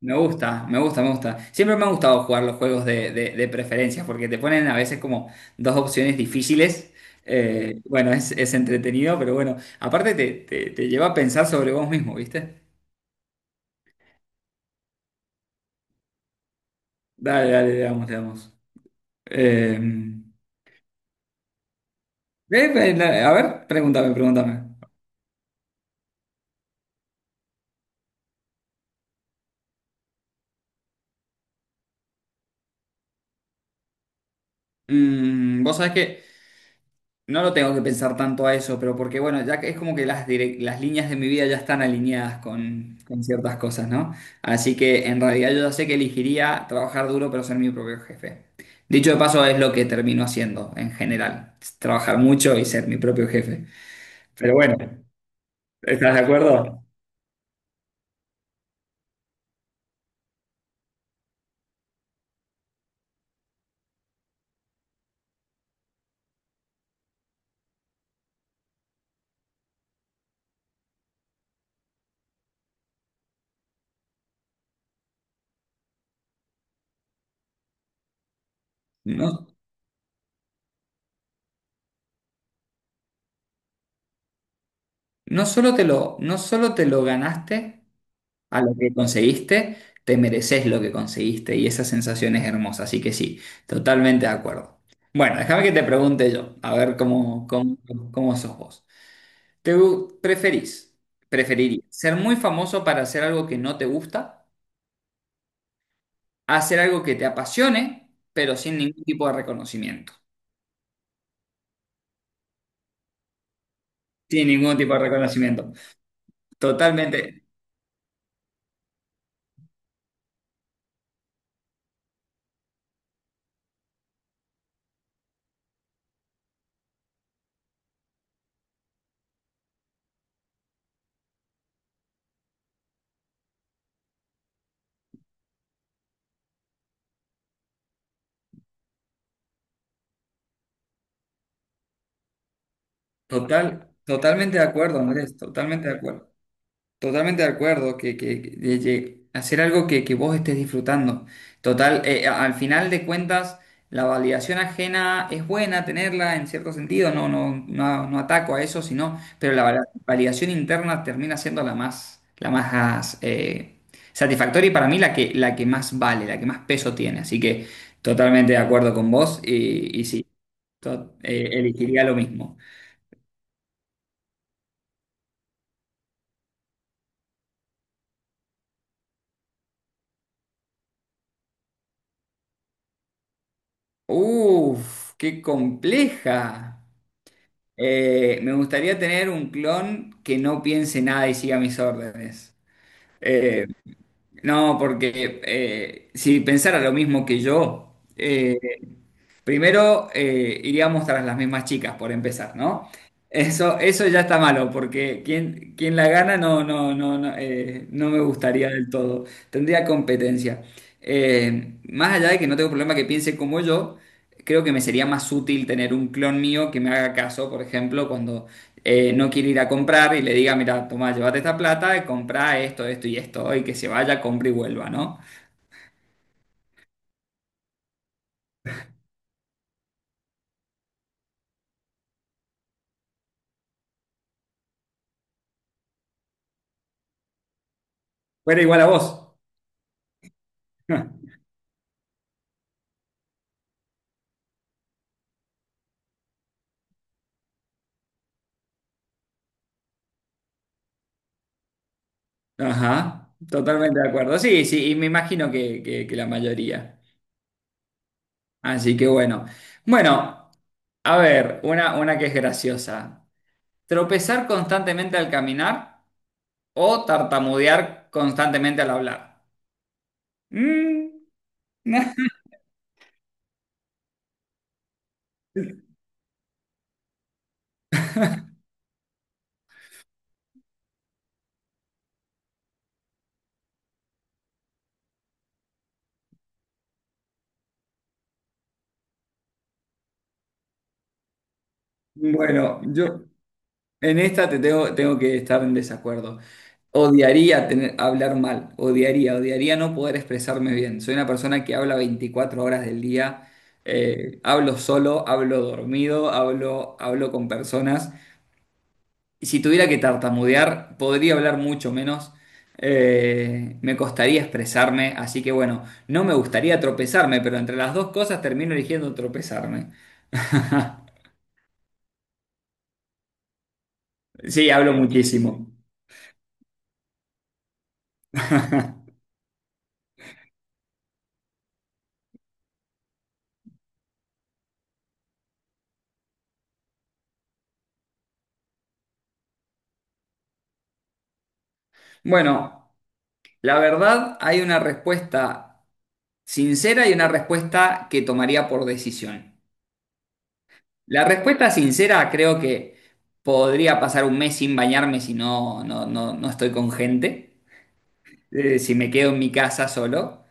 Me gusta, me gusta, me gusta. Siempre me han gustado jugar los juegos de, de preferencias porque te ponen a veces como dos opciones difíciles. Es entretenido, pero bueno, aparte te, te lleva a pensar sobre vos mismo, ¿viste? Dale, dale, le damos, le damos. Eh, a ver, pregúntame, pregúntame. Vos sabés que no lo tengo que pensar tanto a eso, pero porque bueno, ya que es como que las, las líneas de mi vida ya están alineadas con ciertas cosas, ¿no? Así que en realidad yo ya sé que elegiría trabajar duro pero ser mi propio jefe. Dicho de paso, es lo que termino haciendo en general, trabajar mucho y ser mi propio jefe. Pero bueno, ¿estás de acuerdo? No, no solo te lo, no solo te lo ganaste. A lo que conseguiste, te mereces lo que conseguiste y esa sensación es hermosa. Así que sí, totalmente de acuerdo. Bueno, déjame que te pregunte yo, a ver cómo sos vos. ¿Te gu- preferís, Preferirías ser muy famoso para hacer algo que no te gusta, a hacer algo que te apasione, pero sin ningún tipo de reconocimiento? Sin ningún tipo de reconocimiento. Totalmente, totalmente de acuerdo, Andrés, totalmente de acuerdo. Totalmente de acuerdo, de hacer algo que vos estés disfrutando. Total, al final de cuentas, la validación ajena es buena tenerla en cierto sentido, no ataco a eso, sino, pero la validación interna termina siendo la más satisfactoria y para mí la que más vale, la que más peso tiene. Así que totalmente de acuerdo con vos y sí, elegiría lo mismo. Uf, qué compleja. Me gustaría tener un clon que no piense nada y siga mis órdenes. Eh, no, porque si pensara lo mismo que yo, primero iríamos tras las mismas chicas, por empezar, ¿no? Eso ya está malo, porque quien, quien la gana no me gustaría del todo. Tendría competencia. Más allá de que no tengo problema que piense como yo, creo que me sería más útil tener un clon mío que me haga caso, por ejemplo, cuando no quiere ir a comprar y le diga, mira, toma, llévate esta plata, y compra esto, esto y esto, y que se vaya, compre y vuelva, ¿no? Fuera igual a vos. Ajá, totalmente de acuerdo. Sí, sí, y me imagino que, que la mayoría. Así que bueno. Bueno, a ver, una que es graciosa. ¿Tropezar constantemente al caminar o tartamudear constantemente al hablar? Mm. Bueno, yo, en esta te tengo, tengo que estar en desacuerdo. Odiaría tener, hablar mal, odiaría, odiaría no poder expresarme bien. Soy una persona que habla 24 horas del día, hablo solo, hablo dormido, hablo, hablo con personas. Y si tuviera que tartamudear, podría hablar mucho menos. Me costaría expresarme, así que bueno, no me gustaría tropezarme, pero entre las dos cosas termino eligiendo tropezarme. Sí, hablo muchísimo. Bueno. La verdad, hay una respuesta sincera y una respuesta que tomaría por decisión. La respuesta sincera creo que podría pasar un mes sin bañarme si no estoy con gente, si me quedo en mi casa solo.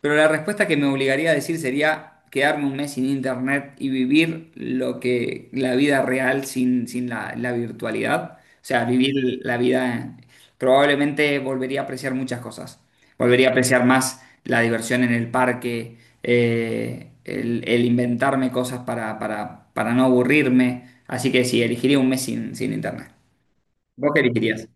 Pero la respuesta que me obligaría a decir sería quedarme un mes sin internet y vivir lo que la vida real sin, sin la virtualidad. O sea, vivir la vida. Probablemente volvería a apreciar muchas cosas. Volvería a apreciar más la diversión en el parque, el inventarme cosas para, para no aburrirme. Así que sí, elegiría un mes sin, sin internet. ¿Vos qué elegirías?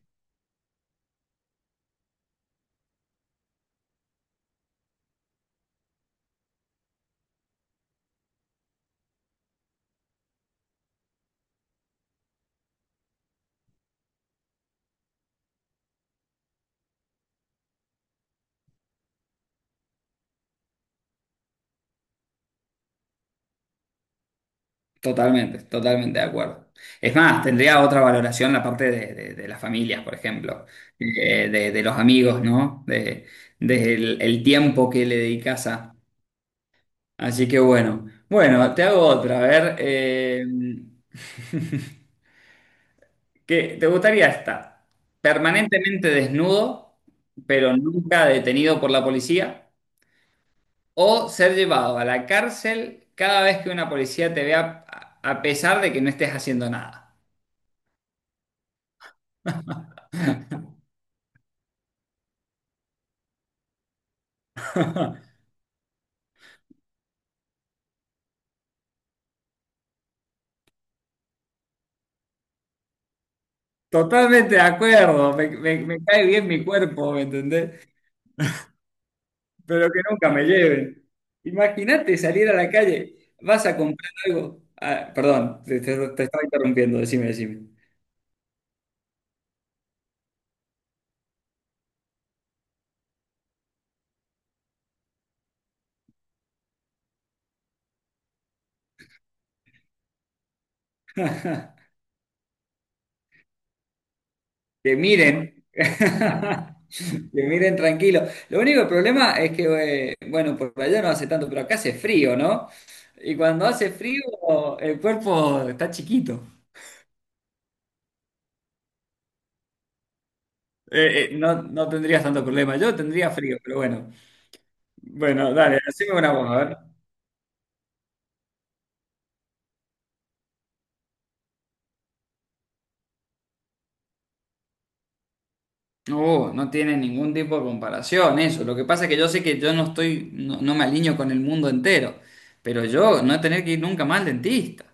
Totalmente, totalmente de acuerdo. Es más, tendría otra valoración la parte de, de las familias, por ejemplo, de los amigos, ¿no? De el tiempo que le dedicas a. Así que bueno, bueno, te hago otra. A ver, ¿ Te gustaría estar permanentemente desnudo, pero nunca detenido por la policía? ¿O ser llevado a la cárcel cada vez que una policía te vea, a pesar de que no estés haciendo nada? Totalmente de acuerdo, me, me cae bien mi cuerpo, ¿me entendés? Pero que nunca me lleven. Imagínate salir a la calle, vas a comprar algo. Ah, perdón, te, te estaba interrumpiendo, decime, decime. Que miren, que miren tranquilo. Lo único problema es que, bueno, por allá no hace tanto, pero acá hace frío, ¿no? Y cuando hace frío, el cuerpo está chiquito. No, no tendrías tanto problema, yo tendría frío, pero bueno. Bueno, dale, haceme una voz, a ver. No, no tiene ningún tipo de comparación eso. Lo que pasa es que yo sé que yo no estoy, no me alineo con el mundo entero, pero yo no tener que ir nunca más al dentista.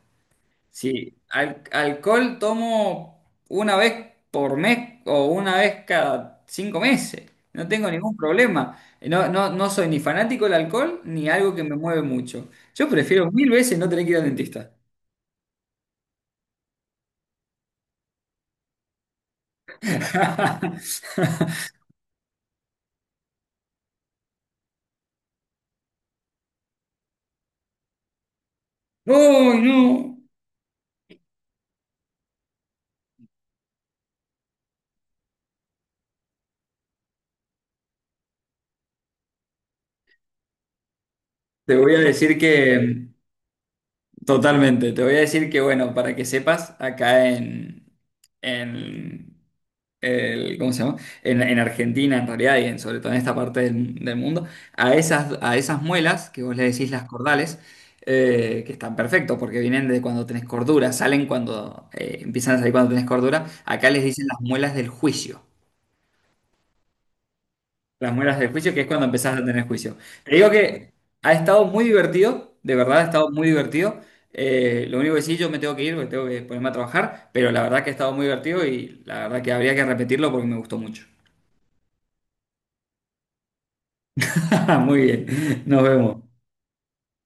Si alcohol tomo una vez por mes o una vez cada 5 meses, no tengo ningún problema. No soy ni fanático del alcohol ni algo que me mueve mucho. Yo prefiero mil veces no tener que ir al dentista. ¡Uy, no! Te voy a decir que totalmente. Te voy a decir que, bueno, para que sepas, acá en el, ¿cómo se llama? En Argentina, en realidad, y en, sobre todo en esta parte del, del mundo, a esas muelas, que vos le decís las cordales, que están perfectos porque vienen de cuando tenés cordura, salen cuando, empiezan a salir cuando tenés cordura, acá les dicen las muelas del juicio. Las muelas del juicio, que es cuando empezás a tener juicio. Te digo que ha estado muy divertido, de verdad ha estado muy divertido. Lo único que sí, yo me tengo que ir porque tengo que ponerme a trabajar, pero la verdad que ha estado muy divertido y la verdad que habría que repetirlo porque me gustó mucho. Muy bien, nos vemos.